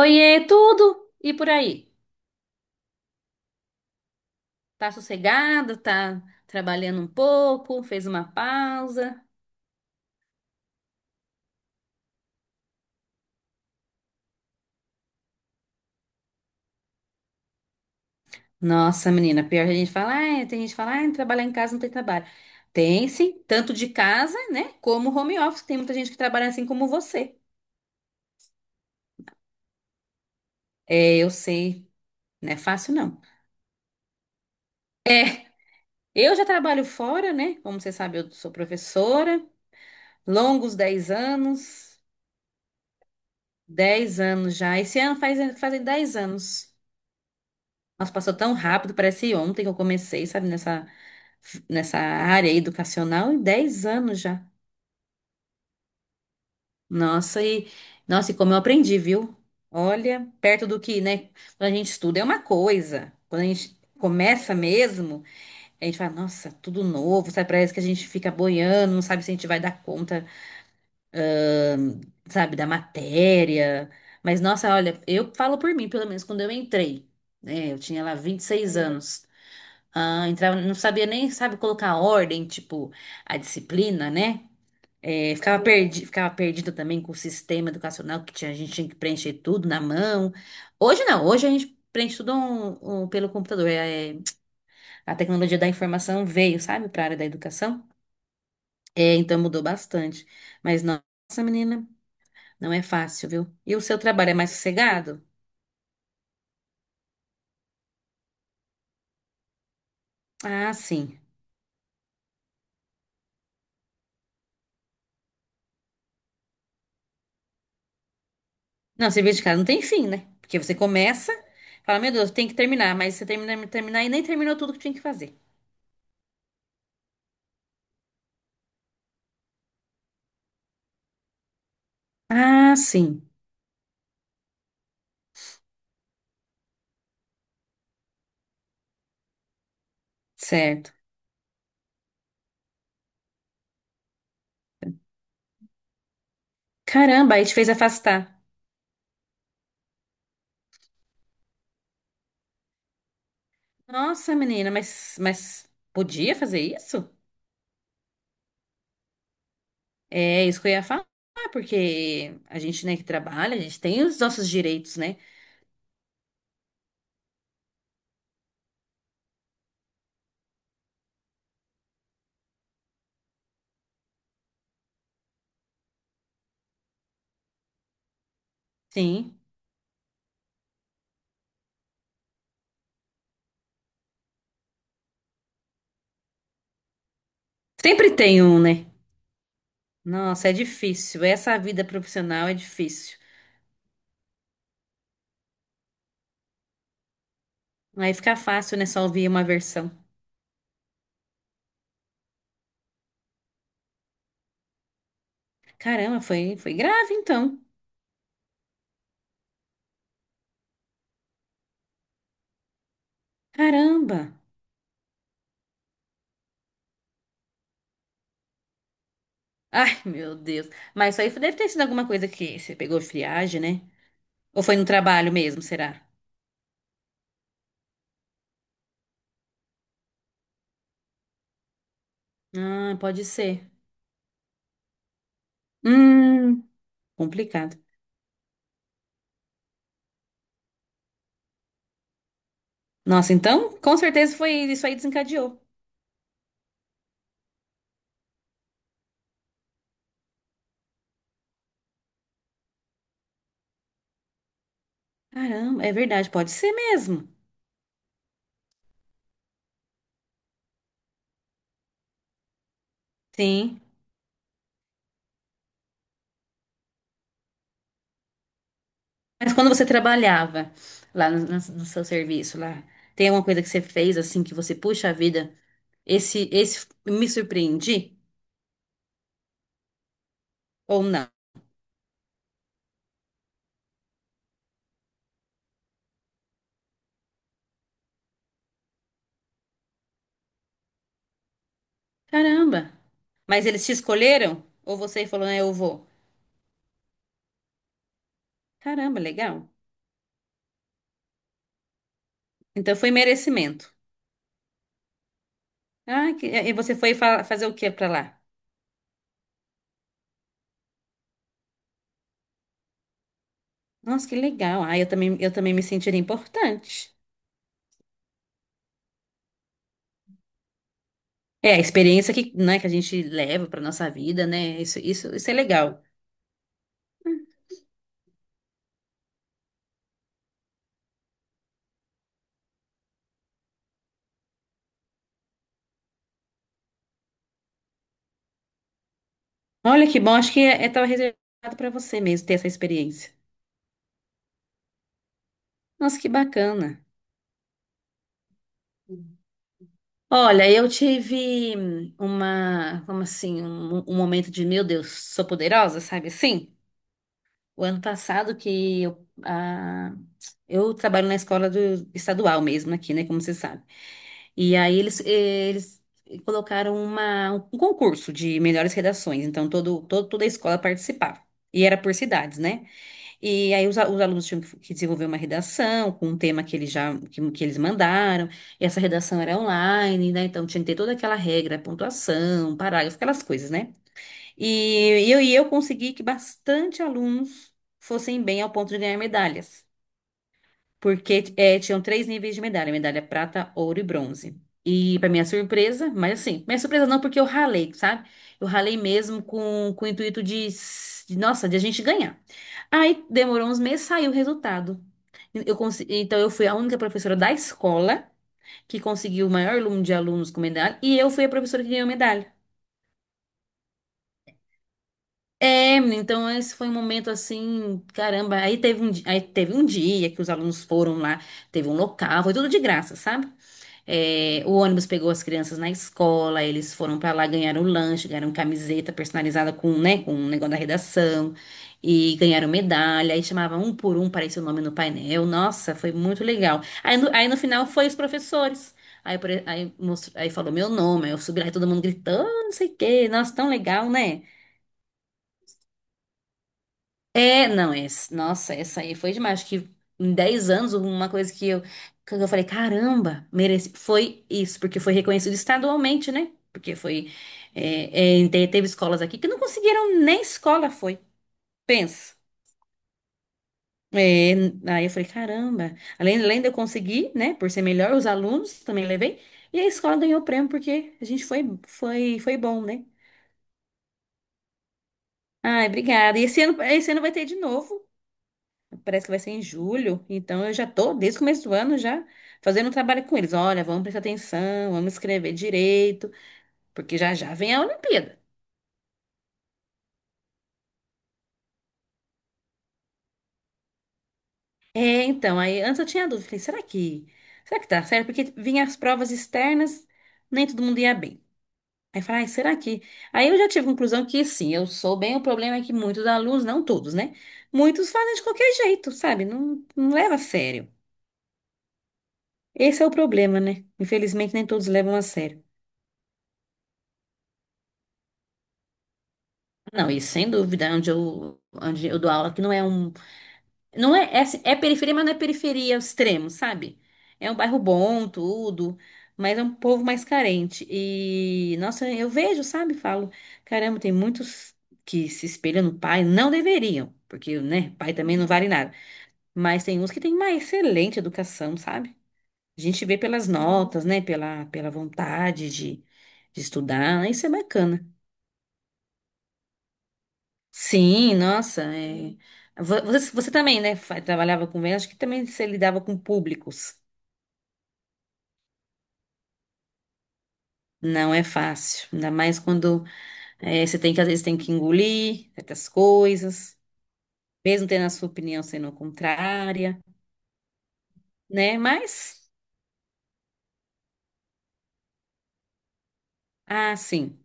Oiê, tudo? E por aí? Tá sossegado? Tá trabalhando um pouco? Fez uma pausa? Nossa, menina, pior que a gente fala, ah, tem gente que fala, ah, trabalhar em casa não tem trabalho. Tem sim, tanto de casa, né, como home office. Tem muita gente que trabalha assim como você. É, eu sei, não é fácil não. É, eu já trabalho fora, né? Como você sabe, eu sou professora, longos 10 anos, 10 anos já. Esse ano faz, fazem 10 anos. Nossa, passou tão rápido, parece ontem que eu comecei, sabe, nessa área educacional, em 10 anos já. Nossa, e nossa, e como eu aprendi, viu? Olha, perto do que, né? Quando a gente estuda é uma coisa. Quando a gente começa mesmo, a gente fala, nossa, tudo novo, sabe? Parece que a gente fica boiando, não sabe se a gente vai dar conta, hum, sabe, da matéria. Mas, nossa, olha, eu falo por mim, pelo menos quando eu entrei, né? Eu tinha lá 26 anos. Ah, entrava, não sabia nem, sabe, colocar ordem, tipo, a disciplina, né? É, ficava perdida também com o sistema educacional que tinha, a gente tinha que preencher tudo na mão. Hoje não, hoje a gente preenche tudo um pelo computador. É, a tecnologia da informação veio, sabe, para a área da educação. É, então mudou bastante. Mas nossa, menina, não é fácil, viu? E o seu trabalho é mais sossegado? Ah, sim. Não, cerveja de casa não tem fim, né? Porque você começa, fala, meu Deus, tem que terminar, mas você termina, terminar e nem terminou tudo que tinha que fazer. Ah, sim, certo. Caramba, aí te fez afastar. Nossa, menina, mas podia fazer isso? É isso que eu ia falar, porque a gente, né, que trabalha, a gente tem os nossos direitos, né? Sim. Sempre tem um, né? Nossa, é difícil. Essa vida profissional é difícil. Aí fica fácil, né? Só ouvir uma versão. Caramba, foi grave então. Caramba. Ai, meu Deus. Mas isso aí deve ter sido alguma coisa que você pegou friagem, né? Ou foi no trabalho mesmo, será? Ah, pode ser. Hum, complicado. Nossa, então, com certeza foi isso aí desencadeou. Caramba, é verdade, pode ser mesmo. Sim. Mas quando você trabalhava lá no seu serviço, lá, tem alguma coisa que você fez assim que você puxa a vida? Esse me surpreendi ou não? Caramba. Mas eles te escolheram? Ou você falou, né, eu vou? Caramba, legal. Então foi merecimento. Ah, e você foi fazer o que pra lá? Nossa, que legal. Ah, eu também me sentiria importante. É a experiência que, né, que a gente leva pra nossa vida, né? Isso é legal. Olha que bom, acho que é tava reservado pra você mesmo ter essa experiência. Nossa, que bacana. Olha, eu tive uma, como assim, um, momento de, meu Deus, sou poderosa, sabe assim? O ano passado que eu trabalho na escola do, estadual mesmo aqui, né? Como você sabe. E aí eles colocaram um concurso de melhores redações, então toda a escola participava. E era por cidades, né? E aí os alunos tinham que desenvolver uma redação com um tema que eles já que eles mandaram, e essa redação era online, né? Então tinha que ter toda aquela regra, pontuação, um parágrafo, aquelas coisas, né? E eu consegui que bastante alunos fossem bem ao ponto de ganhar medalhas porque é, tinham três níveis de medalha, medalha prata, ouro e bronze. E para minha surpresa, mas assim, minha surpresa não, porque eu ralei, sabe? Eu ralei mesmo com o intuito de, s- de, nossa, de a gente ganhar. Aí demorou uns meses, saiu o resultado. Então eu fui a única professora da escola que conseguiu o maior número de alunos com medalha, e eu fui a professora que ganhou medalha. É, menina, então esse foi um momento assim, caramba, aí teve um dia que os alunos foram lá, teve um local, foi tudo de graça, sabe? É, o ônibus pegou as crianças na escola, eles foram pra lá, ganharam lanche, ganharam camiseta personalizada com, né, com um negócio da redação e ganharam medalha, aí chamava um por um, parecia o nome no painel. Nossa, foi muito legal. Aí no final foi os professores. Aí falou meu nome, aí eu subi lá e todo mundo gritou, "Ah, não sei o quê. Nossa, tão legal, né? É, não, esse, nossa, essa aí foi demais. Acho que em 10 anos, uma coisa que eu falei, caramba, mereci. Foi isso, porque foi reconhecido estadualmente, né? Porque foi. É, teve escolas aqui que não conseguiram nem escola, foi. Pensa. É, aí eu falei, caramba. Além de eu conseguir, né, por ser melhor, os alunos também levei. E a escola ganhou o prêmio porque a gente foi, foi, foi bom, né? Ai, obrigada. E esse ano vai ter de novo. Parece que vai ser em julho, então eu já tô desde o começo do ano já fazendo um trabalho com eles. Olha, vamos prestar atenção, vamos escrever direito, porque já já vem a Olimpíada. É, então, aí antes eu tinha dúvida, falei, será que, tá certo? Porque vinha as provas externas, nem todo mundo ia bem. Aí eu falei, ai, será que? Aí eu já tive a conclusão que sim, eu sou bem, o problema é que muitos alunos, não todos, né? Muitos fazem de qualquer jeito, sabe? Não, não leva a sério. Esse é o problema, né? Infelizmente, nem todos levam a sério. Não, e sem dúvida, é onde eu dou aula, que não é um. Não é, é, assim, é periferia, mas não é periferia ao extremo, sabe? É um bairro bom, tudo, mas é um povo mais carente. E, nossa, eu vejo, sabe? Falo, caramba, tem muitos que se espelham no pai, não deveriam, porque, né, pai também não vale nada. Mas tem uns que têm uma excelente educação, sabe? A gente vê pelas notas, né? Pela vontade de estudar, né? Isso é bacana. Sim, nossa. É. Você também, né? Trabalhava com vendas, acho que também você lidava com públicos. Não é fácil, ainda mais quando é, você tem que, às vezes, tem que engolir certas coisas, mesmo tendo a sua opinião sendo contrária, né? Mas, ah, sim.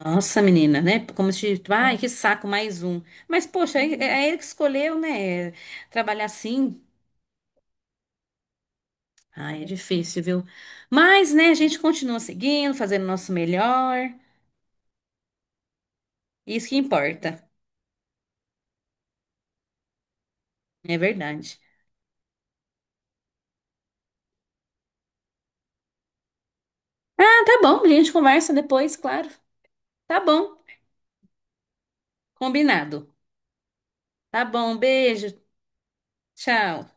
Nossa, menina, né? Como se, ai, que saco, mais um. Mas, poxa, é, é ele que escolheu, né? Trabalhar assim. Ai, é difícil, viu? Mas, né, a gente continua seguindo, fazendo o nosso melhor. Isso que importa. É verdade. Ah, tá bom. A gente conversa depois, claro. Tá bom. Combinado. Tá bom. Beijo. Tchau.